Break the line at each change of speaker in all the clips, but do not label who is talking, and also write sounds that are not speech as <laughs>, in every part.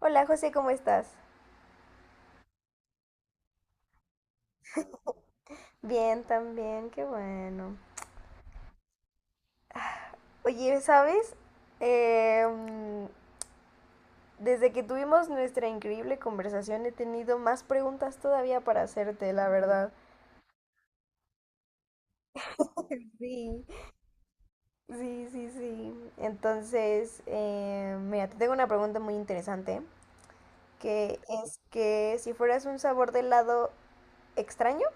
Hola José, ¿cómo estás? Bien, también, qué bueno. Oye, ¿sabes? Em, desde que tuvimos nuestra increíble conversación he tenido más preguntas todavía para hacerte, la verdad. Sí, sí, sí, sí. Entonces, mira, te tengo una pregunta muy interesante, que es que si fueras un sabor de helado extraño,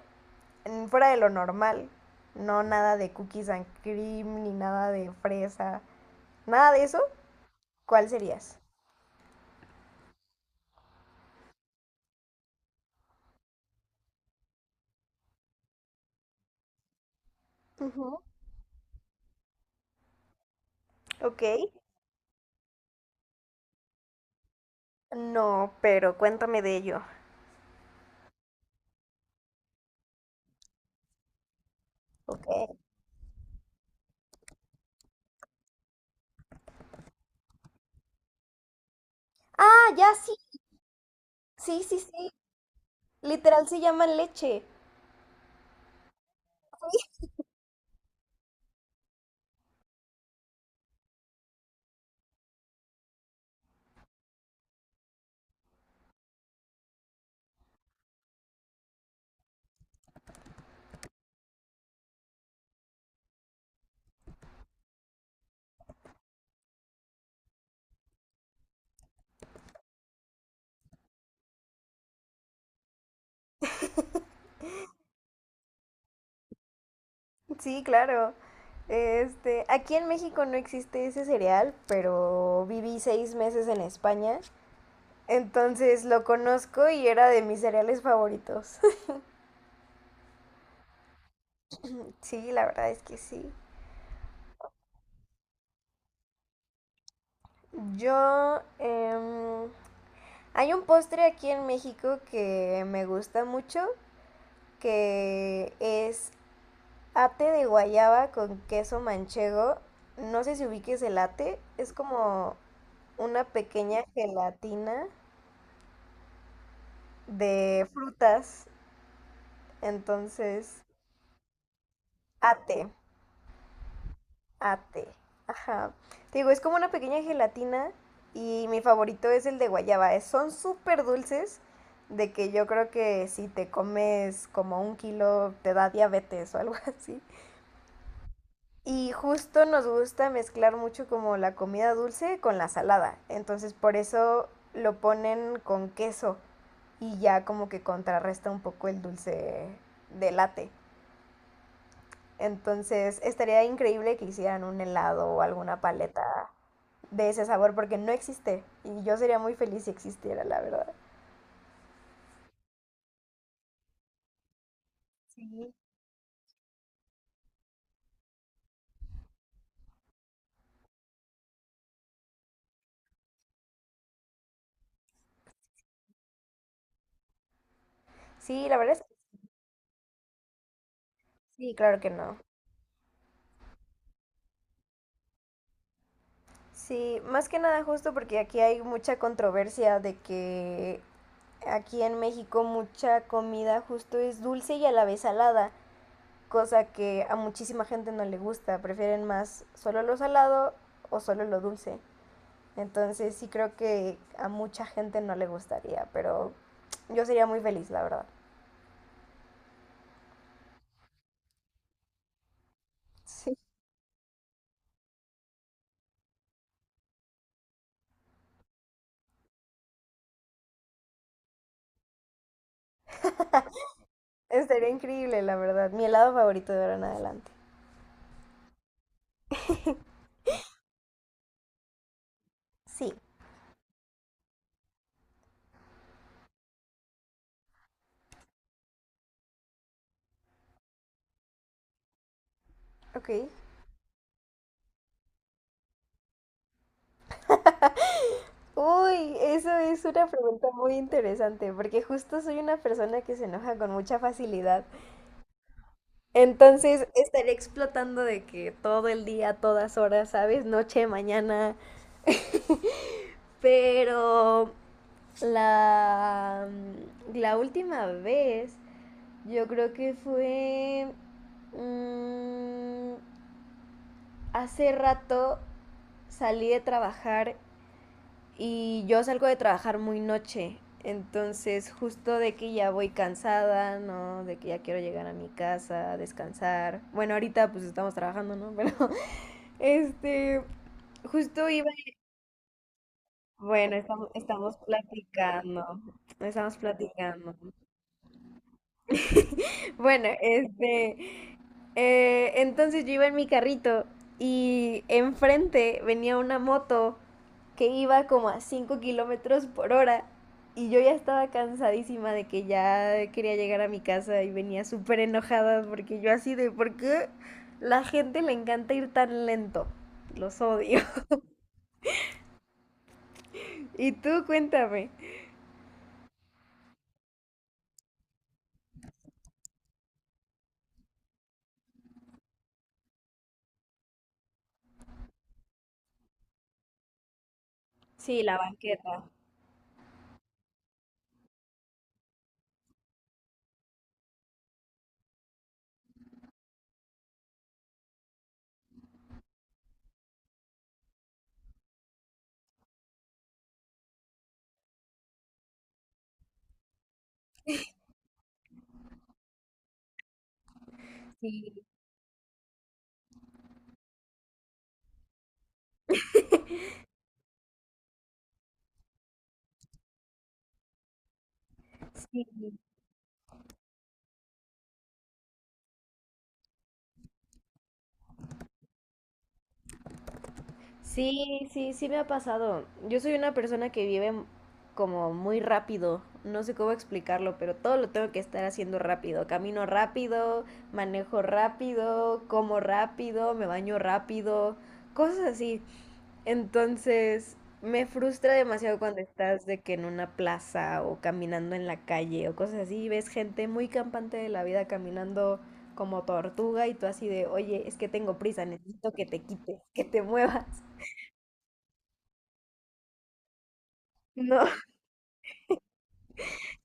fuera de lo normal, no, nada de cookies and cream, ni nada de fresa, nada de eso. ¿Cuál serías? Ujú. Ok. No, pero cuéntame de ello. Ok. Ah, ya sí. Sí, sí, sí. Literal se llama leche. Sí, claro. Este, aquí en México no existe ese cereal, pero viví 6 meses en España. Entonces lo conozco y era de mis cereales favoritos. <laughs> Sí, la verdad es que sí. Yo, hay un postre aquí en México que me gusta mucho, que es ate de guayaba con queso manchego. No sé si ubiques el ate. Es como una pequeña gelatina de frutas. Entonces, ate, ate. Ajá. Te digo, es como una pequeña gelatina y mi favorito es el de guayaba. Es- Son súper dulces, de que yo creo que si te comes como un kilo te da diabetes o algo <laughs> así. Y justo nos gusta mezclar mucho como la comida dulce con la salada. Entonces por eso lo ponen con queso y ya como que contrarresta un poco el dulce de latte. Entonces estaría increíble que hicieran un helado o alguna paleta de ese sabor porque no existe y yo sería muy feliz si existiera, la verdad. Sí. Sí, la verdad es que sí, claro que no. Sí, más que nada justo porque aquí hay mucha controversia de que aquí en México mucha comida justo es dulce y a la vez salada, cosa que a muchísima gente no le gusta, prefieren más solo lo salado o solo lo dulce. Entonces sí creo que a mucha gente no le gustaría, pero yo sería muy feliz, la verdad. Sí, estaría increíble, la verdad. Mi helado favorito de ahora en adelante. Sí, ok. Uy, eso es una pregunta muy interesante, porque justo soy una persona que se enoja con mucha facilidad. Entonces estaré explotando de que todo el día, todas horas, ¿sabes? Noche, mañana. <laughs> Pero la última vez, yo creo que fue, mm, hace rato salí de trabajar y yo salgo de trabajar muy noche, entonces justo de que ya voy cansada, ¿no? De que ya quiero llegar a mi casa, descansar. Bueno, ahorita pues estamos trabajando, ¿no? Pero <laughs> este, justo iba... Bueno, estamos platicando, estamos platicando. Bueno, este, entonces yo iba en mi carrito y enfrente venía una moto que iba como a 5 kilómetros por hora y yo ya estaba cansadísima de que ya quería llegar a mi casa y venía súper enojada, porque yo así de ¿por qué la gente le encanta ir tan lento? Los odio. <laughs> Y tú cuéntame. Sí, la banqueta. Sí, sí. Sí, sí, sí me ha pasado. Yo soy una persona que vive m- como muy rápido. No sé cómo explicarlo, pero todo lo tengo que estar haciendo rápido. Camino rápido, manejo rápido, como rápido, me baño rápido, cosas así. Entonces, me frustra demasiado cuando estás de que en una plaza o caminando en la calle o cosas así, y ves gente muy campante de la vida caminando como tortuga y tú así de, oye, es que tengo prisa, necesito que te quites, que te muevas. No, <laughs>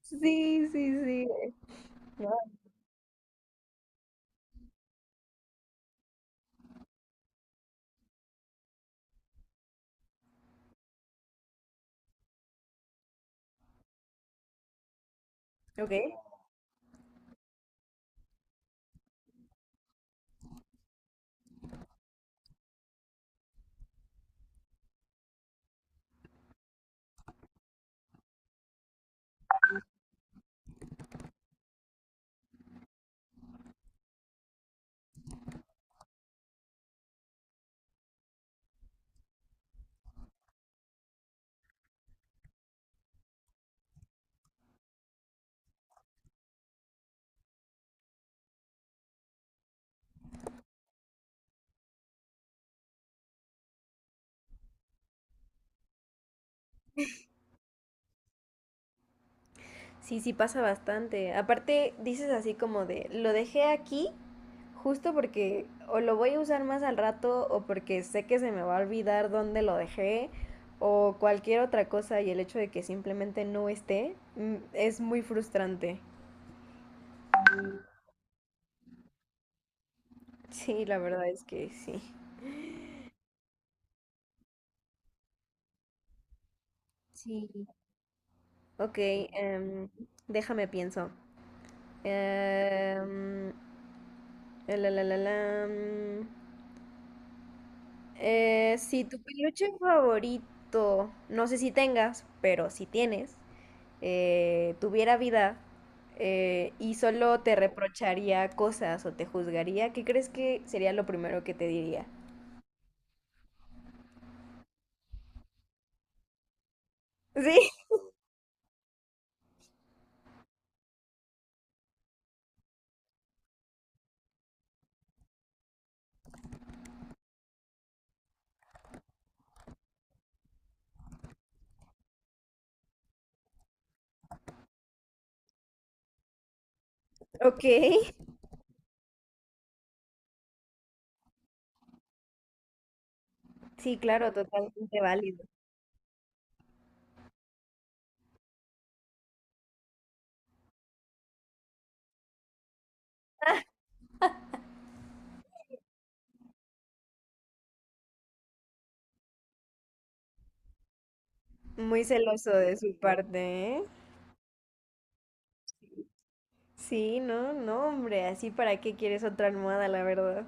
sí, sí, sí. Ah, ok. Sí, sí pasa bastante. Aparte, dices así como de, lo dejé aquí justo porque o lo voy a usar más al rato o porque sé que se me va a olvidar dónde lo dejé o cualquier otra cosa, y el hecho de que simplemente no esté, es muy frustrante. <laughs> Sí, la verdad es que sí. Sí. Ok, déjame pienso. Em, la, mm. Si tu peluche favorito, no sé si tengas, pero si tienes, tuviera vida y solo te reprocharía cosas o te juzgaría, ¿qué crees que sería lo primero que te diría? Sí, <laughs> ok. Sí, claro, totalmente válido. Muy celoso de su parte, ¿eh? Sí, no, no, hombre, así para qué quieres otra almohada, la verdad.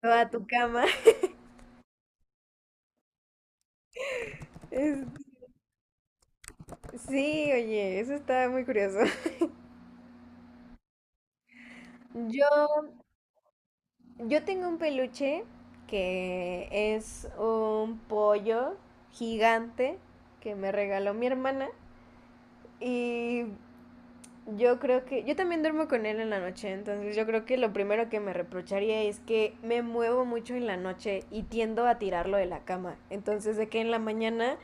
Toda tu cama. <laughs> Es- Sí, oye, eso está muy curioso. <laughs> Yo Yo tengo un peluche que es un pollo gigante que me regaló mi hermana y yo creo que yo también duermo con él en la noche, entonces yo creo que lo primero que me reprocharía es que me muevo mucho en la noche y tiendo a tirarlo de la cama. Entonces de que en la mañana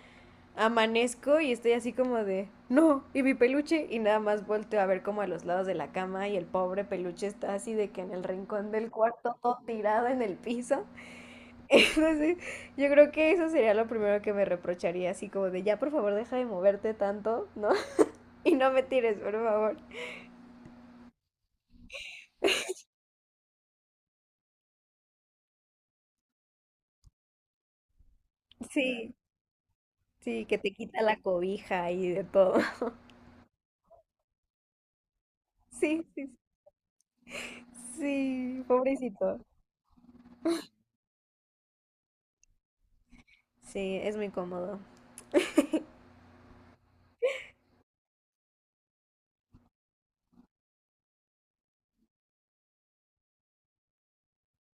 amanezco y estoy así como de, no, y mi peluche, y nada más volteo a ver como a los lados de la cama y el pobre peluche está así de que en el rincón del cuarto todo tirado en el piso. <laughs> Entonces, yo creo que eso sería lo primero que me reprocharía, así como de ya, por favor, deja de moverte tanto, ¿no? <laughs> Y no me tires, por favor. Sí, sí, que te quita la cobija y de todo. <laughs> Sí, sí, sí, pobrecito. Sí, es muy cómodo.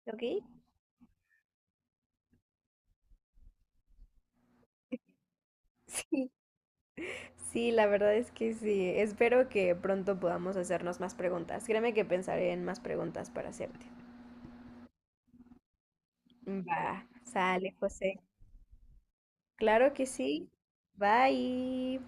¿Ok? <laughs> Sí, sí, la verdad es que sí. Espero que pronto podamos hacernos más preguntas. Créeme que pensaré en más preguntas para hacerte. Va, sale, José. Claro que sí. Bye.